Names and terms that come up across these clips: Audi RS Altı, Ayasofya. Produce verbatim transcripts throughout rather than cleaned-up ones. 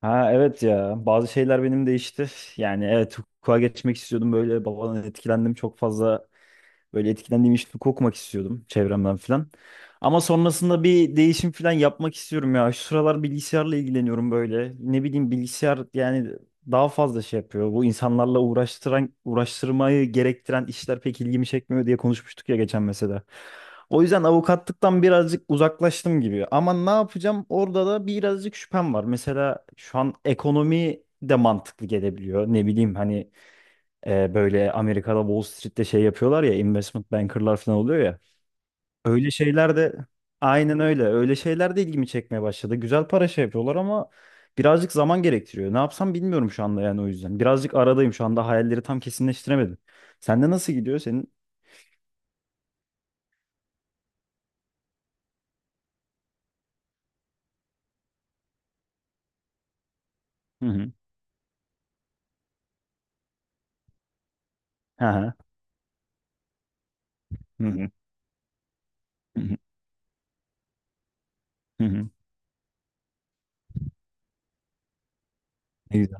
Ha evet ya bazı şeyler benim değişti. Yani evet hukuka geçmek istiyordum böyle babadan etkilendim çok fazla. Böyle etkilendiğim işleri okumak istiyordum çevremden falan. Ama sonrasında bir değişim falan yapmak istiyorum ya. Şu sıralar bilgisayarla ilgileniyorum böyle. Ne bileyim bilgisayar yani daha fazla şey yapıyor. Bu insanlarla uğraştıran, uğraştırmayı gerektiren işler pek ilgimi çekmiyor diye konuşmuştuk ya geçen mesela. O yüzden avukatlıktan birazcık uzaklaştım gibi. Ama ne yapacağım? Orada da birazcık şüphem var. Mesela şu an ekonomi de mantıklı gelebiliyor. Ne bileyim hani e, böyle Amerika'da Wall Street'te şey yapıyorlar ya investment bankerlar falan oluyor ya. Öyle şeyler de aynen öyle. Öyle şeyler de ilgimi çekmeye başladı. Güzel para şey yapıyorlar ama birazcık zaman gerektiriyor. Ne yapsam bilmiyorum şu anda yani o yüzden. Birazcık aradayım şu anda hayalleri tam kesinleştiremedim. Sende nasıl gidiyor senin? Hı hı. Hı hı. Hı hı. Hı hı. Hı hı. Ne güzel.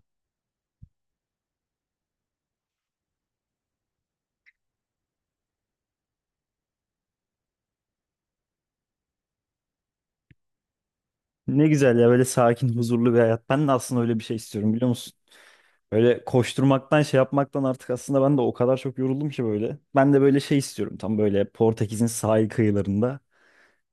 Ne güzel ya böyle sakin, huzurlu bir hayat. Ben de aslında öyle bir şey istiyorum biliyor musun? Öyle koşturmaktan şey yapmaktan artık aslında ben de o kadar çok yoruldum ki böyle. Ben de böyle şey istiyorum tam böyle Portekiz'in sahil kıyılarında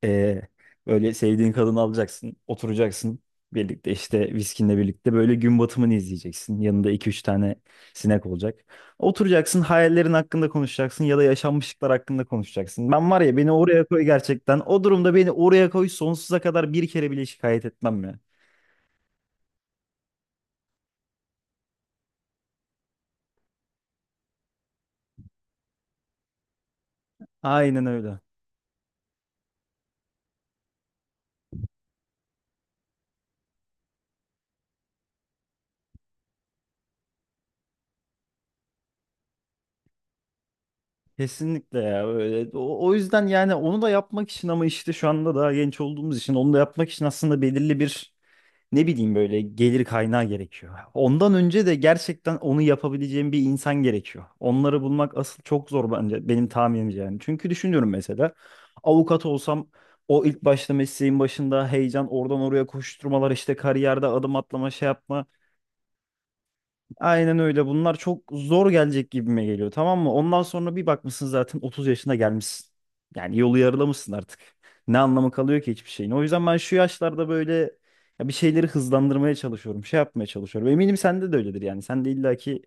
eee, böyle sevdiğin kadını alacaksın oturacaksın birlikte işte viskinle birlikte böyle gün batımını izleyeceksin. Yanında iki üç tane sinek olacak. Oturacaksın hayallerin hakkında konuşacaksın ya da yaşanmışlıklar hakkında konuşacaksın. Ben var ya beni oraya koy gerçekten o durumda beni oraya koy sonsuza kadar bir kere bile şikayet etmem ya. Aynen öyle. Kesinlikle ya öyle. O, o yüzden yani onu da yapmak için ama işte şu anda daha genç olduğumuz için onu da yapmak için aslında belirli bir ne bileyim böyle gelir kaynağı gerekiyor. Ondan önce de gerçekten onu yapabileceğim bir insan gerekiyor. Onları bulmak asıl çok zor bence benim tahminimce yani. Çünkü düşünüyorum mesela avukat olsam o ilk başta mesleğin başında heyecan oradan oraya koşturmalar işte kariyerde adım atlama şey yapma. Aynen öyle. Bunlar çok zor gelecek gibime geliyor. Tamam mı? Ondan sonra bir bakmışsın zaten otuz yaşına gelmişsin. Yani yolu yarılamışsın artık. Ne anlamı kalıyor ki hiçbir şeyin? O yüzden ben şu yaşlarda böyle ya bir şeyleri hızlandırmaya çalışıyorum. Şey yapmaya çalışıyorum. Eminim sende de öyledir yani. Sen de illaki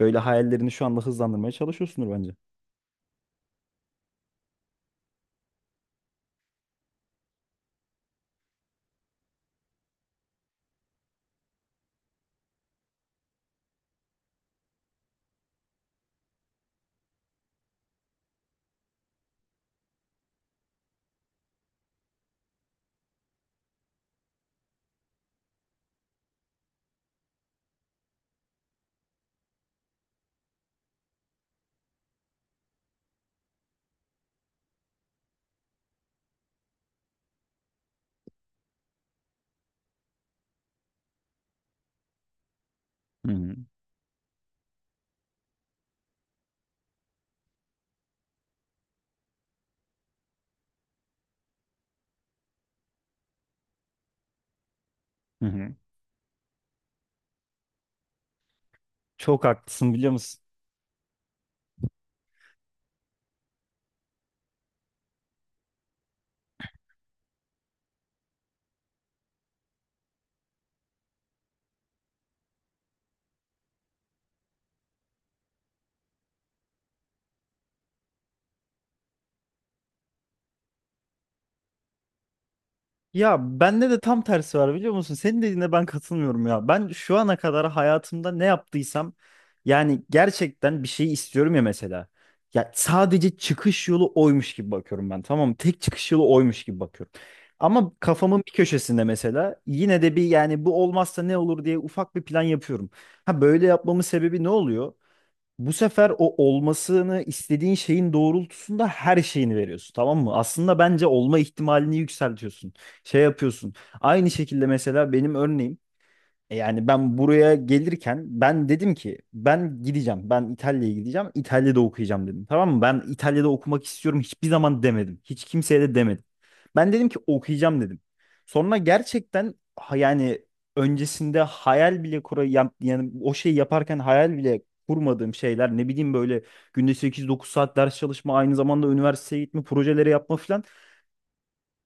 böyle hayallerini şu anda hızlandırmaya çalışıyorsundur bence. Hı hı. Hı hı. Çok haklısın biliyor musun? Ya bende de tam tersi var biliyor musun? Senin dediğine ben katılmıyorum ya. Ben şu ana kadar hayatımda ne yaptıysam yani gerçekten bir şey istiyorum ya mesela. Ya sadece çıkış yolu oymuş gibi bakıyorum ben. Tamam mı? Tek çıkış yolu oymuş gibi bakıyorum. Ama kafamın bir köşesinde mesela yine de bir yani bu olmazsa ne olur diye ufak bir plan yapıyorum. Ha böyle yapmamın sebebi ne oluyor? Bu sefer o olmasını istediğin şeyin doğrultusunda her şeyini veriyorsun, tamam mı? Aslında bence olma ihtimalini yükseltiyorsun. Şey yapıyorsun. Aynı şekilde mesela benim örneğim e, yani ben buraya gelirken ben dedim ki ben gideceğim. Ben İtalya'ya gideceğim. İtalya'da okuyacağım dedim. Tamam mı? Ben İtalya'da okumak istiyorum hiçbir zaman demedim. Hiç kimseye de demedim. Ben dedim ki okuyacağım dedim. Sonra gerçekten ha- yani öncesinde hayal bile kura ya- yani o şeyi yaparken hayal bile kurmadığım şeyler ne bileyim böyle günde sekiz dokuz saat ders çalışma aynı zamanda üniversiteye gitme projeleri yapma filan.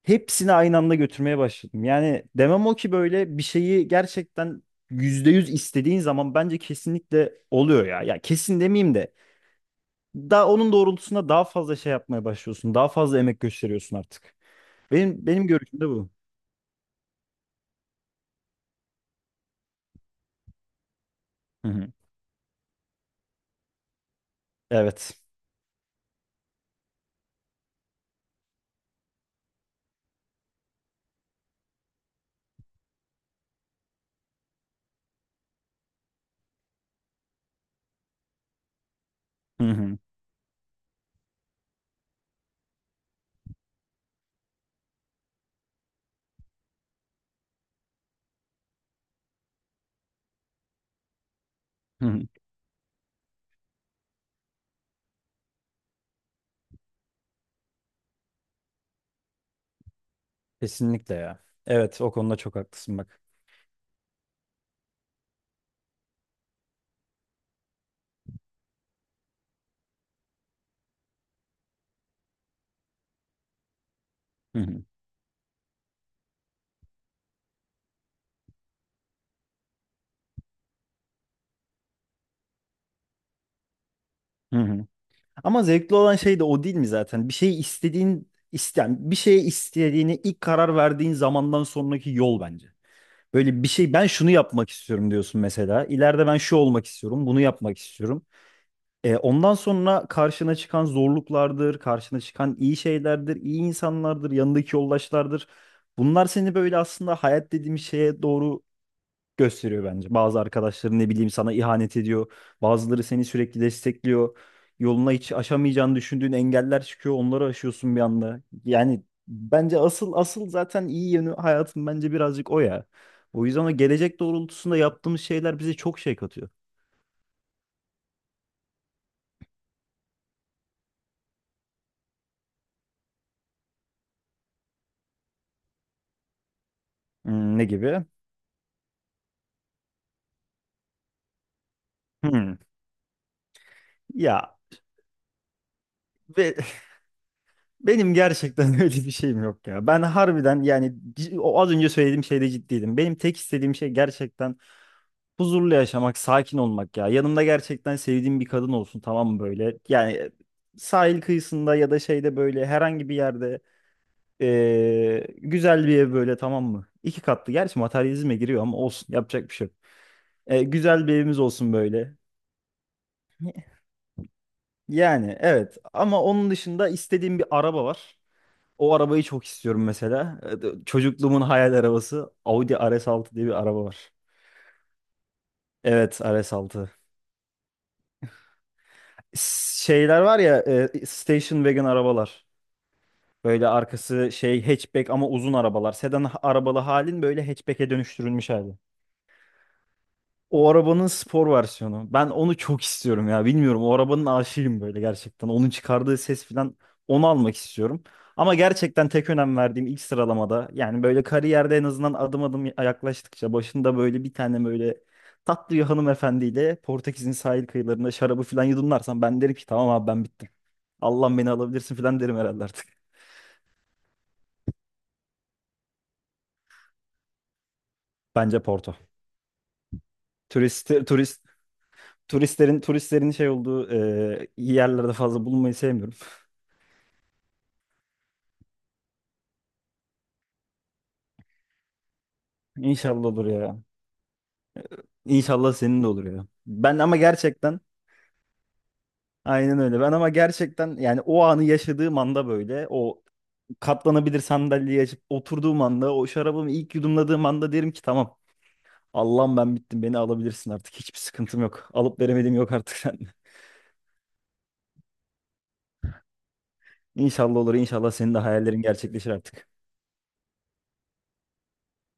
Hepsini aynı anda götürmeye başladım. Yani demem o ki böyle bir şeyi gerçekten yüzde yüz istediğin zaman bence kesinlikle oluyor ya. Ya kesin demeyeyim de daha onun doğrultusunda daha fazla şey yapmaya başlıyorsun. Daha fazla emek gösteriyorsun artık. Benim benim görüşüm de bu. Hı hı. Evet. Hı hı. Hı hı. Kesinlikle ya. Evet o konuda çok haklısın bak. Hı hı. Hı hı. Ama zevkli olan şey de o değil mi zaten? Bir şeyi istediğin isteyen, bir şeye istediğini ilk karar verdiğin zamandan sonraki yol bence. Böyle bir şey ben şunu yapmak istiyorum diyorsun mesela. İleride ben şu olmak istiyorum, bunu yapmak istiyorum. E, ondan sonra karşına çıkan zorluklardır, karşına çıkan iyi şeylerdir, iyi insanlardır, yanındaki yoldaşlardır. Bunlar seni böyle aslında hayat dediğim şeye doğru gösteriyor bence. Bazı arkadaşların ne bileyim sana ihanet ediyor. Bazıları seni sürekli destekliyor. Yoluna hiç aşamayacağını düşündüğün engeller çıkıyor. Onları aşıyorsun bir anda. Yani bence asıl asıl zaten iyi yönü hayatın bence birazcık o ya. O yüzden o gelecek doğrultusunda yaptığımız şeyler bize çok şey katıyor. Hmm, ne gibi? Hmm. Ya be- benim gerçekten öyle bir şeyim yok ya. Ben harbiden yani c- o az önce söylediğim şeyde ciddiydim. Benim tek istediğim şey gerçekten huzurlu yaşamak, sakin olmak ya. Yanımda gerçekten sevdiğim bir kadın olsun tamam mı böyle? Yani sahil kıyısında ya da şeyde böyle herhangi bir yerde eee, güzel bir ev böyle tamam mı? İki katlı. Gerçi materyalizme giriyor ama olsun yapacak bir şey yok. E, güzel bir evimiz olsun böyle. Yani evet ama onun dışında istediğim bir araba var. O arabayı çok istiyorum mesela. E, Çocukluğumun hayal arabası audi r s altı diye bir araba var. Evet r s altı şeyler var ya e, station wagon arabalar. Böyle arkası şey hatchback ama uzun arabalar. Sedan ha- arabalı halin böyle hatchback'e dönüştürülmüş hali. O arabanın spor versiyonu. Ben onu çok istiyorum ya. Bilmiyorum o arabanın aşığıyım böyle gerçekten. Onun çıkardığı ses falan onu almak istiyorum. Ama gerçekten tek önem verdiğim ilk sıralamada yani böyle kariyerde en azından adım adım yaklaştıkça başında böyle bir tane böyle tatlı bir hanımefendiyle Portekiz'in sahil kıyılarında şarabı falan yudumlarsam ben derim ki tamam abi ben bittim. Allah beni alabilirsin falan derim herhalde artık. Bence Porto. Turist, turist, turistlerin turistlerin şey olduğu e, yerlerde fazla bulunmayı sevmiyorum. İnşallah olur ya. İnşallah senin de olur ya. Ben ama gerçekten aynen öyle. Ben ama gerçekten yani o anı yaşadığım anda böyle o katlanabilir sandalyeyi açıp oturduğum anda o şarabımı ilk yudumladığım anda derim ki tamam. Allah'ım ben bittim beni alabilirsin artık hiçbir sıkıntım yok. Alıp veremediğim yok artık sende. İnşallah olur inşallah senin de hayallerin gerçekleşir artık.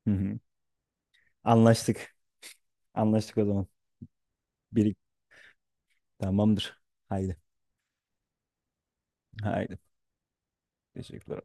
Hı hı. Anlaştık. Anlaştık o zaman. Bir, tamamdır. Haydi. Haydi. Teşekkürler.